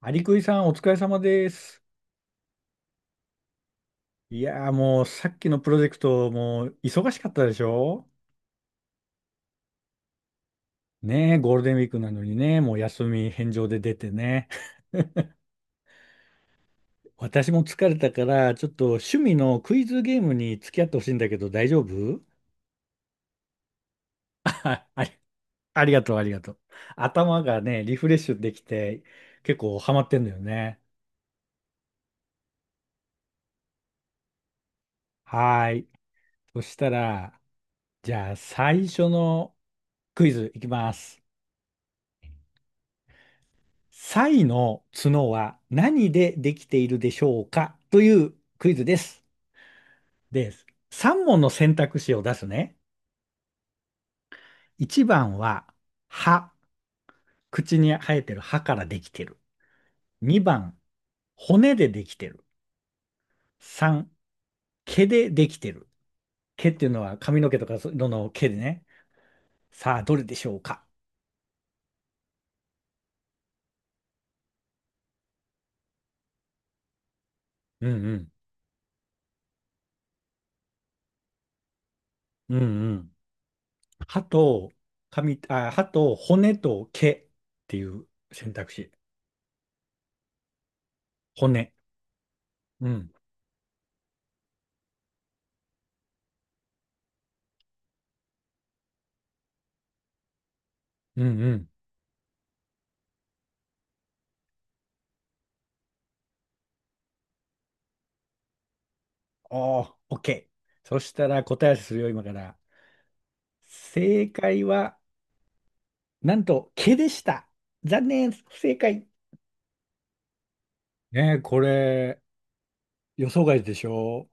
アリクイさん、お疲れ様です。いやー、もうさっきのプロジェクト、もう忙しかったでしょ？ねえ、ゴールデンウィークなのにね、もう休み返上で出てね。私も疲れたから、ちょっと趣味のクイズゲームに付き合ってほしいんだけど、大丈夫？ あ、ありありがとう、ありがとう。頭がね、リフレッシュできて、結構ハマってんだよね。はーい。そしたら、じゃあ最初のクイズいきます。サイの角は何でできているでしょうかというクイズです。で、3問の選択肢を出すね。1番は歯、口に生えてる歯からできてる。2番、骨でできてる。3、毛でできてる。毛っていうのは髪の毛とかそのの毛でね。さあ、どれでしょうか？うんうん。うんうん。歯と髪、あ、歯と骨と毛っていう選択肢。骨。うん。うんうん。おー、OK。そしたら答え合わせするよ、今から。正解は、なんと、毛でした。残念、不正解。ねえ、これ、予想外でしょ？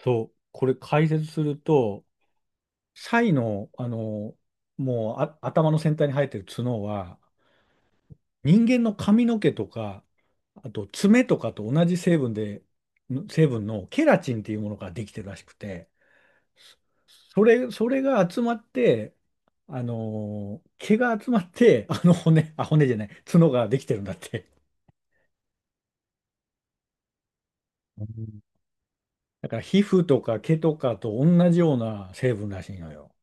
そう、これ解説すると、サイの、あの、もうあ、頭の先端に生えてる角は、人間の髪の毛とか、あと爪とかと同じ成分で、成分のケラチンっていうものができてるらしくて、それが集まって、毛が集まって、あの骨、あ、骨じゃない、角ができてるんだって。うん。だから皮膚とか毛とかと同じような成分らしいのよ。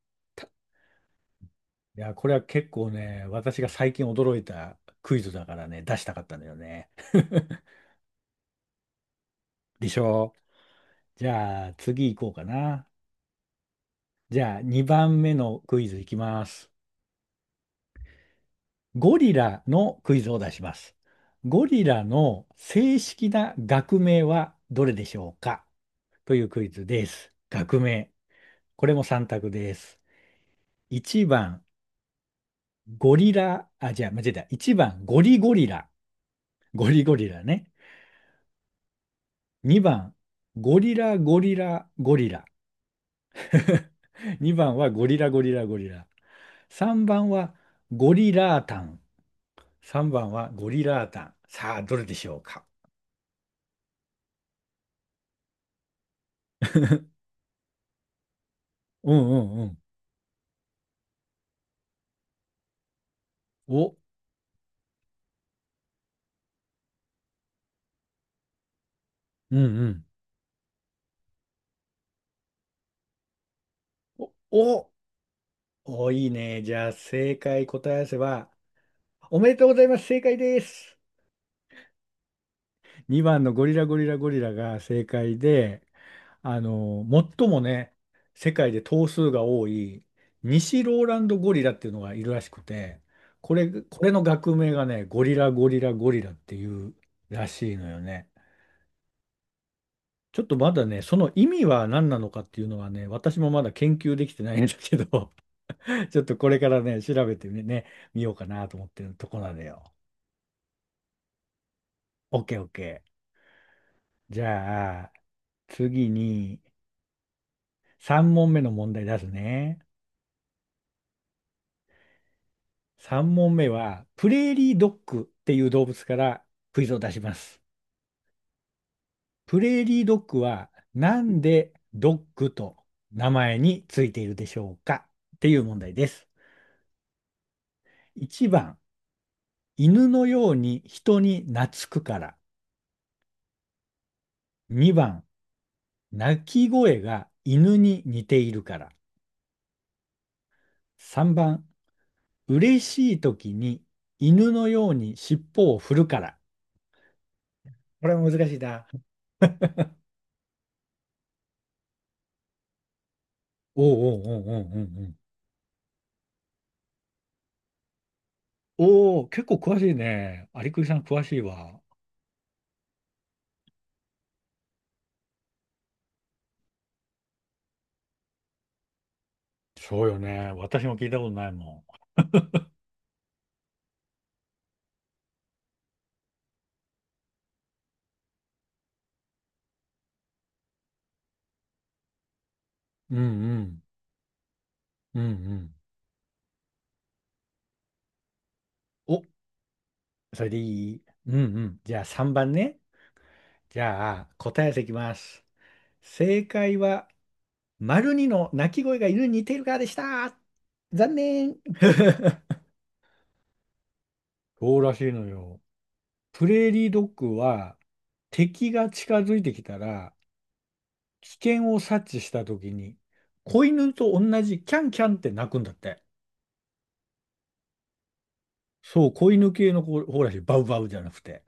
いや、これは結構ね、私が最近驚いたクイズだからね、出したかったんだよね。でしょう？じゃあ次行こうかな。じゃあ2番目のクイズいきます。ゴリラのクイズを出します。ゴリラの正式な学名はどれでしょうかというクイズです。学名。これも3択です。1番、ゴリラ、あ、じゃあ、間違えた。1番、ゴリゴリラ。ゴリゴリラね。2番、ゴリラゴリラゴリラ。2番はゴリラゴリラゴリラ。3番はゴリラータン。3番はゴリラータン。さあ、どれでしょうか？うんうんうん。お、うんうん。お、お、お、いいね。じゃあ、正解答え合わせは、おめでとうございます。正解です。2番のゴリラゴリラゴリラが正解で、あの、最もね、世界で頭数が多い、西ローランドゴリラっていうのがいるらしくて、これの学名がね、ゴリラゴリラゴリラっていうらしいのよね。ちょっとまだね、その意味は何なのかっていうのはね、私もまだ研究できてないんだけど、ちょっとこれからね、調べてね、見ようかなと思ってるとこなんだよ。オッケーオッケー。じゃあ、次に3問目の問題出すね。3問目は、プレーリードッグっていう動物からクイズを出します。プレーリードッグはなんでドッグと名前についているでしょうかっていう問題です。1番、犬のように人に懐くから。2番、鳴き声が犬に似ているから。3番、嬉しい時に犬のように尻尾を振るから。これは難しいな。おうおうおうおうおうおう。おお、結構詳しいね。有久さん詳しいわ。そうよね。私も聞いたことないもん。うんうん。うんうん。お、それでいい。うんうん。じゃあ3番ね。じゃあ答え合わせいきます。正解は、丸二の鳴き声が犬に似ているからでした。残念。そうらしいのよ。プレーリードッグは敵が近づいてきたら危険を察知した時に子犬と同じキャンキャンって鳴くんだって。そう、子犬系の子ほらしい、バウバウじゃなくて。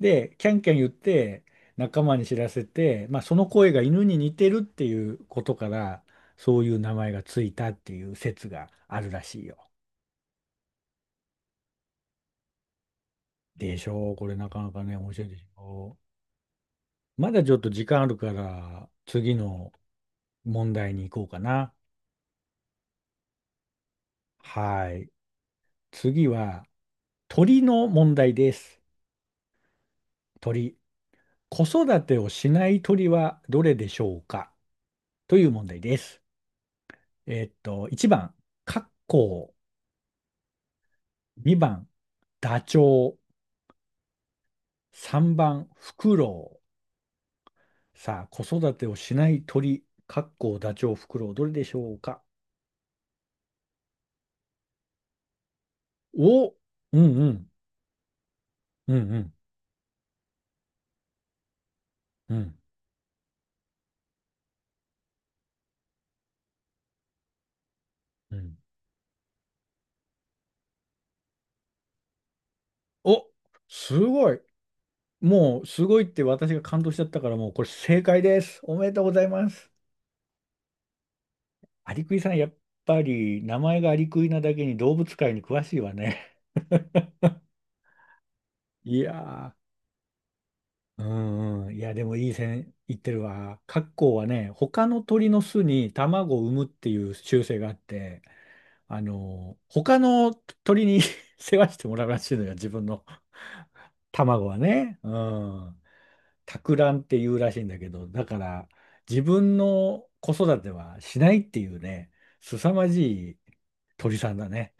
で、キャンキャン言って仲間に知らせて、まあ、その声が犬に似てるっていうことからそういう名前がついたっていう説があるらしいよ。でしょう？これなかなかね、面白いでしょう。まだちょっと時間あるから次の問題に行こうかな。はい。次は鳥の問題です。鳥。子育てをしない鳥はどれでしょうかという問題です。1番、カッコウ。2番、ダチョウ。3番、フクロウ。さあ、子育てをしない鳥、カッコウ、ダチョウ、フクロウ、どれでしょうか？お、うんうん、うんうん、うん、うん。お、すごい。もうすごいって私が感動しちゃったからもうこれ正解です。おめでとうございます。アリクイさんやっぱり名前がアリクイなだけに動物界に詳しいわね。いやー、うんうん、いやでもいい線いってるわ。カッコウはね、他の鳥の巣に卵を産むっていう習性があって、あの他の鳥に 世話してもらうらしいのよ、自分の卵はね。うん。托卵っていうらしいんだけど、だから自分の子育てはしないっていうね、凄まじい鳥さんだね。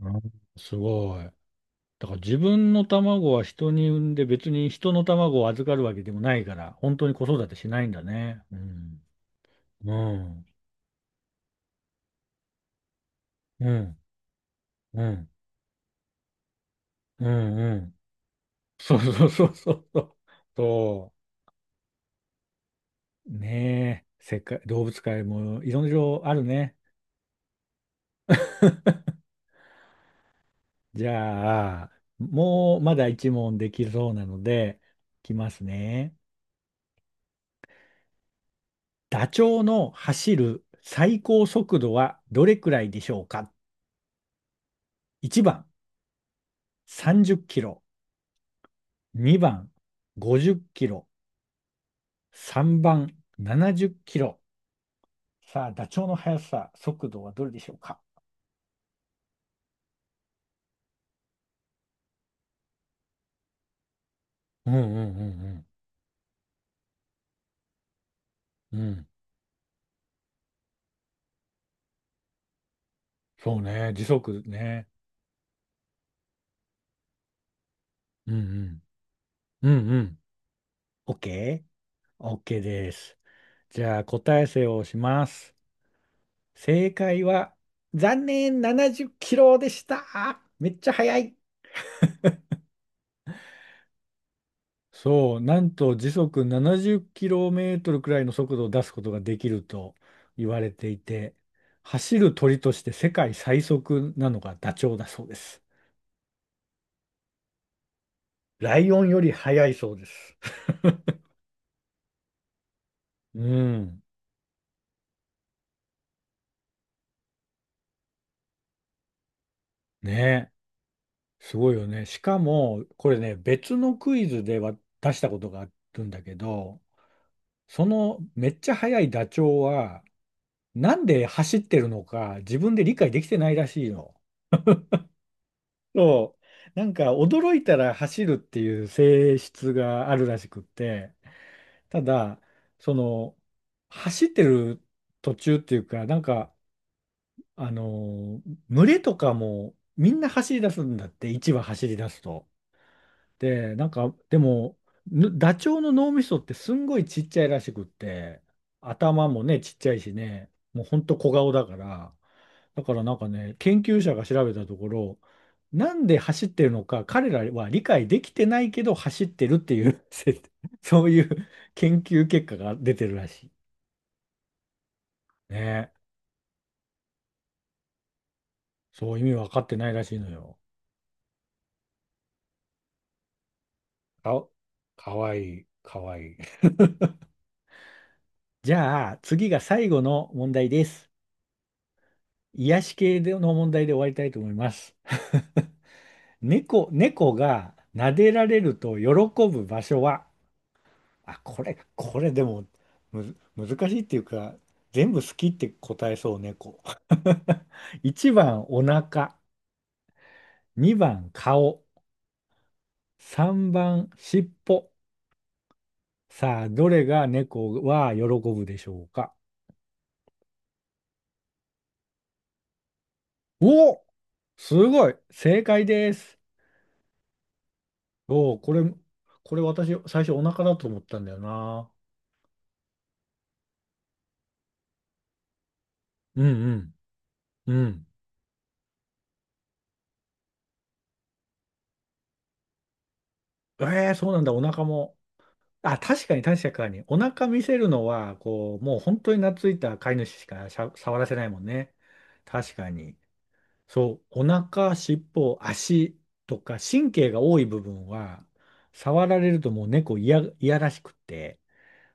うん。すごい。だから自分の卵は人に産んで別に人の卵を預かるわけでもないから、本当に子育てしないんだね。うん。うん。うん。うん。うん。うん。そうそうそうそうそう。そう。ねえ。世界、動物界もいろいろあるね。じゃあ、もうまだ一問できそうなので、いきますね。ダチョウの走る最高速度はどれくらいでしょうか？ 1 番30キロ、2番50キロ、3番70キロ。さあ、ダチョウの速さ、速度はどれでしょうか？うんうんうんうん。うん。そうね。時速ね。うんうん。うんうん。OK?OK です。じゃあ、答え伏せをします。正解は、残念、70キロでした。めっちゃ速い。そう、なんと時速70キロメートルくらいの速度を出すことができると言われていて、走る鳥として世界最速なのがダチョウだそうです。ライオンより速いそうです。うん。ね。すごいよね。しかも、これね、別のクイズでは出したことがあるんだけど、そのめっちゃ速いダチョウは、なんで走ってるのか自分で理解できてないらしいの。そう。なんか驚いたら走るっていう性質があるらしくって、ただ、その、走ってる途中っていうか、なんか、あの、群れとかもみんな走り出すんだって、一羽走り出すと。で、なんか、でも、ダチョウの脳みそってすんごいちっちゃいらしくって、頭もね、ちっちゃいしね、もうほんと小顔だから、だからなんかね、研究者が調べたところ、なんで走ってるのか、彼らは理解できてないけど走ってるっていう そういう研究結果が出てるらしい。ね。そう意味分かってないらしいのよ。か、かわいい、かわいい。じゃあ、次が最後の問題です。癒し系での問題で終わりたいと思います。猫が撫でられると喜ぶ場所は、あ、これでもむず、難しいっていうか、全部好きって答えそう、猫。1番、お腹。2番、顔。3番、尻尾。さあ、どれが猫は喜ぶでしょうか。おお、すごい、正解です。おお、これ私、最初お腹だと思ったんだよな。うんうん。うん。ええそうなんだ、お腹も。あ、確かに確かに。お腹見せるのは、こう、もう本当に懐いた飼い主しか触らせないもんね。確かに。そう、お腹、尻尾、足とか、神経が多い部分は、触られるともう猫いや、いやらしくって、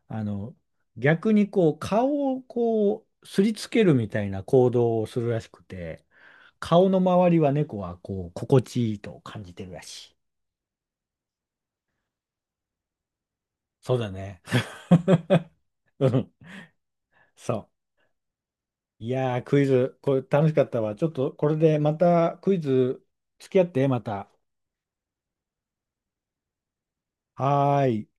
あの、逆にこう、顔をこう、すりつけるみたいな行動をするらしくて、顔の周りは猫はこう、心地いいと感じてるらしい。そうだね。うん。そう。いやー、クイズ、これ楽しかったわ。ちょっとこれでまたクイズ付き合って、また。はーい。